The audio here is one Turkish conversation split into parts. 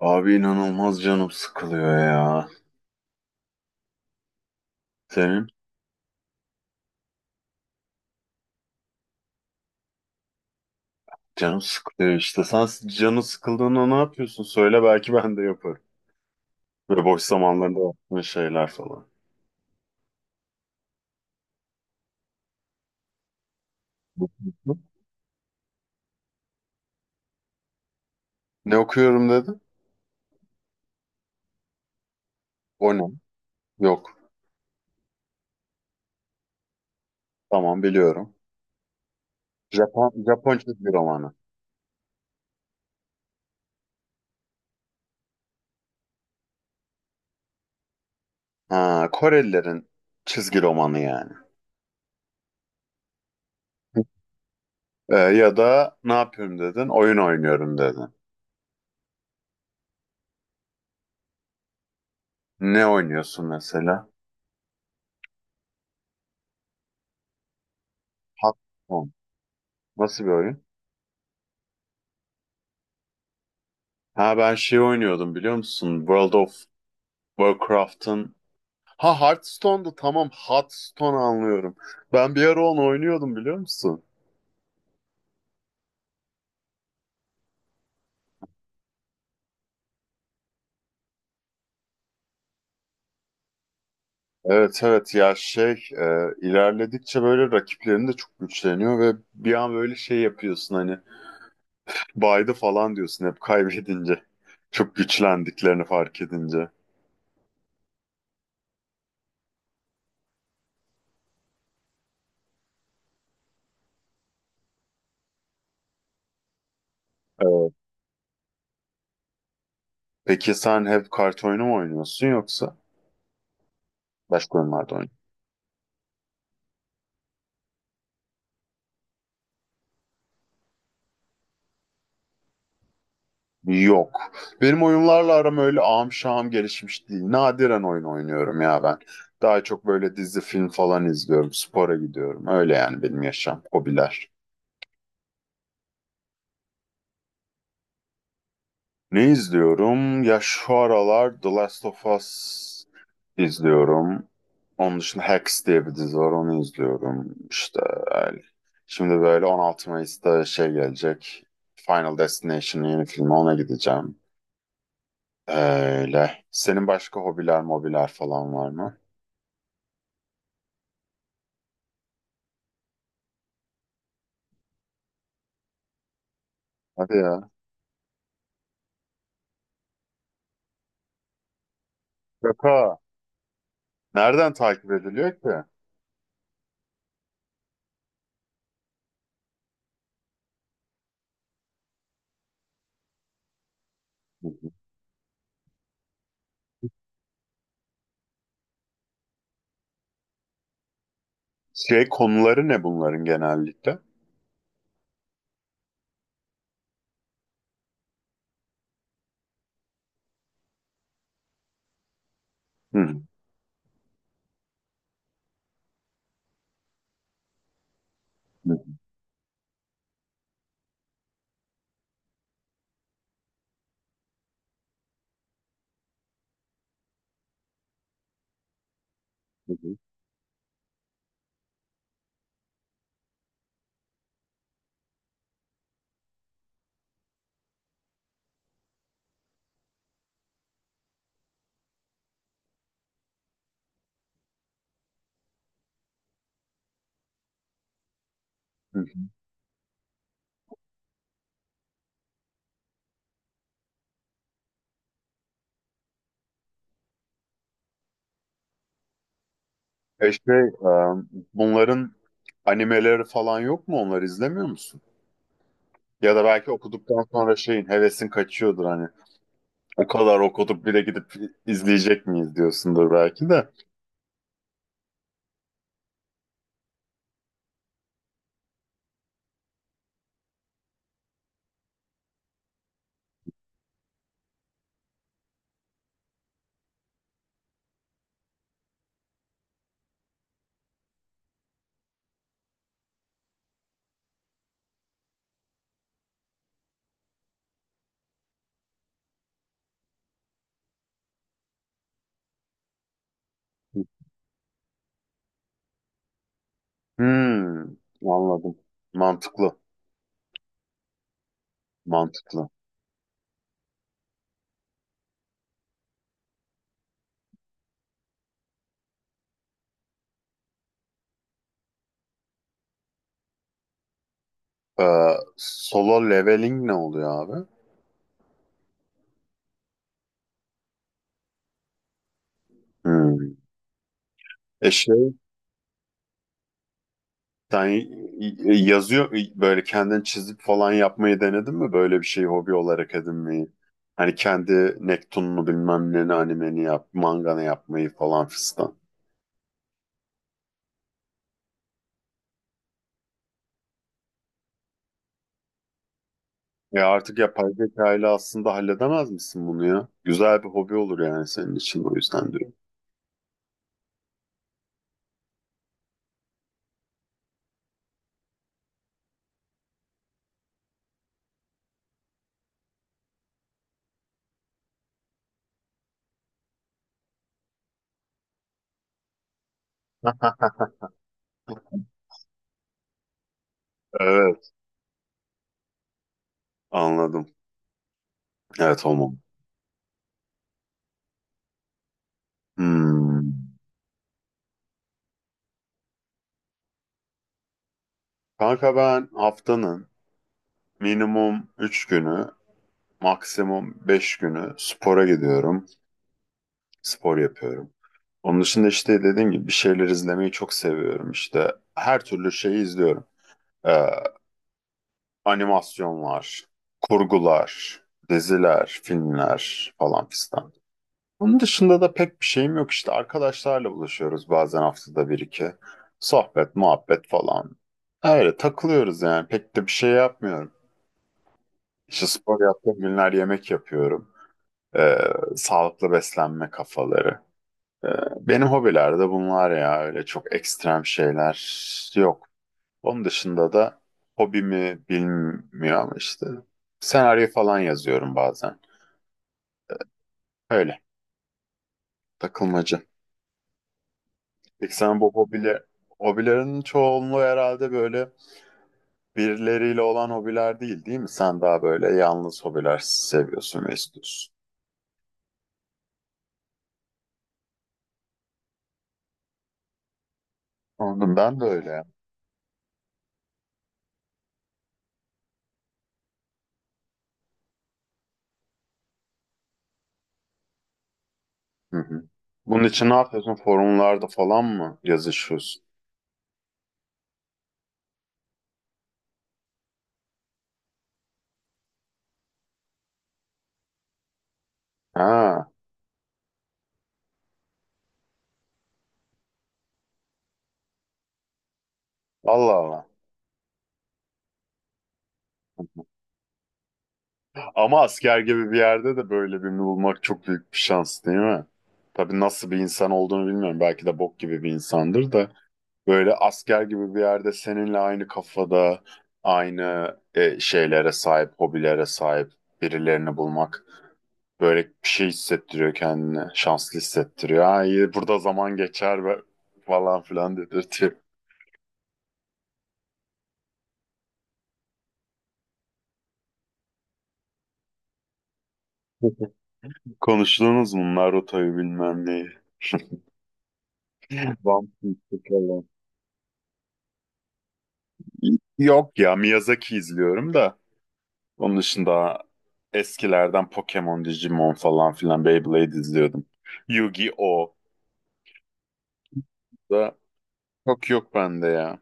Abi inanılmaz canım sıkılıyor ya. Senin Canım sıkılıyor işte. Sen canın sıkıldığında ne yapıyorsun? Söyle belki ben de yaparım. Ve boş zamanlarında yaptığın şeyler falan. Hı? Ne okuyorum dedin? O ne? Yok. Tamam biliyorum. Japon çizgi romanı. Ha, Korelilerin çizgi romanı yani. Ya da ne yapıyorum dedin? Oyun oynuyorum dedin. Ne oynuyorsun mesela? Hearthstone. Nasıl bir oyun? Ha ben şey oynuyordum biliyor musun? World of Warcraft'ın Ha Hearthstone'da tamam Hearthstone anlıyorum. Ben bir ara onu oynuyordum biliyor musun? Evet evet ya şey e, ilerledikçe böyle rakiplerin de çok güçleniyor ve bir an böyle şey yapıyorsun hani baydı falan diyorsun hep kaybedince. Çok güçlendiklerini fark edince. Evet. Peki sen hep kart oyunu mu oynuyorsun yoksa başka oyunlarda oynuyorsun? Yok. Benim oyunlarla aram öyle ağam şahım gelişmiş değil. Nadiren oyun oynuyorum ya ben. Daha çok böyle dizi, film falan izliyorum. Spora gidiyorum. Öyle yani benim yaşam, hobiler. Ne izliyorum? Ya şu aralar The Last of Us izliyorum. Onun dışında Hacks diye bir dizi var. Onu izliyorum. İşte öyle. Şimdi böyle 16 Mayıs'ta şey gelecek. Final Destination'ın yeni filmi. Ona gideceğim. Öyle. Senin başka hobiler, mobiler falan var mı? Hadi ya. Şaka. Nereden takip ediliyor ki? Hı hı. Şey konuları ne bunların genellikle? Hı hı. Hı hı. Hı hı. E şey, e, Bunların animeleri falan yok mu? Onları izlemiyor musun? Ya da belki okuduktan sonra şeyin hevesin kaçıyordur hani. O kadar okuduk bir de gidip izleyecek miyiz diyorsundur belki de. Hmm, anladım. Mantıklı. Mantıklı. Ee, Solo leveling ne oluyor abi? Hmm. E şey Sen yazıyor böyle kendin çizip falan yapmayı denedin mi? Böyle bir şeyi hobi olarak edinmeyi. Hani kendi Nektun'unu bilmem ne animeni yap, manganı yapmayı falan fistan. Artık yapay zeka ile aslında halledemez misin bunu ya? Güzel bir hobi olur yani senin için o yüzden diyorum. Evet anladım. Evet olmam. Hmm. Kanka ben haftanın minimum 3 günü, maksimum 5 günü spora gidiyorum. Spor yapıyorum. Onun dışında işte dediğim gibi bir şeyler izlemeyi çok seviyorum işte. Her türlü şeyi izliyorum. Ee, Animasyonlar, kurgular, diziler, filmler falan fistan. Onun dışında da pek bir şeyim yok işte. Arkadaşlarla buluşuyoruz bazen haftada bir iki. Sohbet, muhabbet falan. Öyle takılıyoruz yani. Pek de bir şey yapmıyorum. İşte spor yaptığım günler yemek yapıyorum. Ee, Sağlıklı beslenme kafaları. Ee, Benim hobilerde bunlar ya öyle çok ekstrem şeyler yok. Onun dışında da hobimi bilmiyor ama işte senaryo falan yazıyorum bazen. Öyle takılmacı. Peki sen bu hobiler, hobilerin çoğunluğu herhalde böyle birileriyle olan hobiler değil mi? Sen daha böyle yalnız hobiler seviyorsun ve istiyorsun. Anladım ben de öyle, ya. Hı hı. Bunun için ne yapıyorsun? Forumlarda falan mı yazışıyorsun? Ha, Allah Allah. Ama asker gibi bir yerde de böyle birini bulmak çok büyük bir şans değil mi? Tabii nasıl bir insan olduğunu bilmiyorum. Belki de bok gibi bir insandır da. Böyle asker gibi bir yerde seninle aynı kafada, aynı şeylere sahip, hobilere sahip birilerini bulmak böyle bir şey hissettiriyor kendini. Şanslı hissettiriyor. Ha iyi burada zaman geçer ve falan filan dedirtiyor. Konuştuğunuz bunlar rotayı bilmem neyi. Bump falan. Yok ya Miyazaki izliyorum da. Onun dışında eskilerden Pokemon, Digimon falan filan Beyblade izliyordum. Yu-Gi-Oh! Da çok yok bende ya.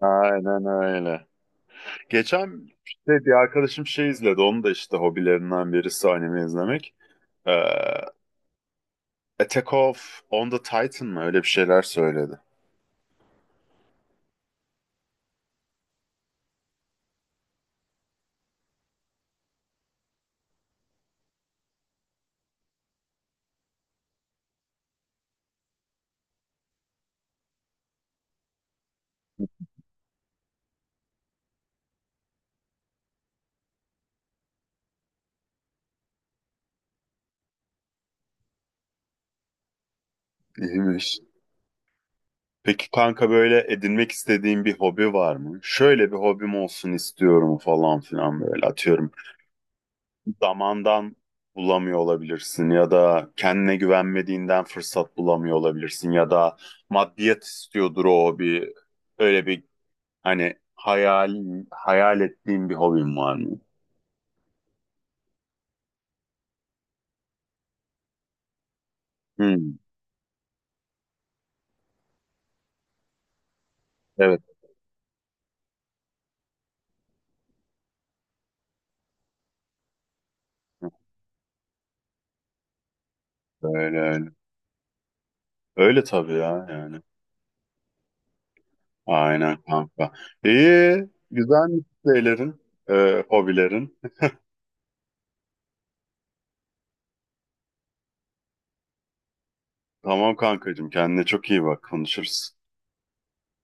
Aynen öyle. Geçen işte bir arkadaşım şey izledi. Onun da işte hobilerinden birisi anime izlemek. Ee, Attack of on the Titan mı? Öyle bir şeyler söyledi. İyiymiş. Peki kanka böyle edinmek istediğin bir hobi var mı? Şöyle bir hobim olsun istiyorum falan filan böyle atıyorum. Zamandan bulamıyor olabilirsin ya da kendine güvenmediğinden fırsat bulamıyor olabilirsin ya da maddiyat istiyordur o bir öyle bir hani hayal ettiğin bir hobin var mı? Hmm, evet öyle öyle. Öyle tabii ya yani. Aynen kanka. İyi güzel şeylerin, hobilerin. Tamam kankacığım kendine çok iyi bak konuşuruz.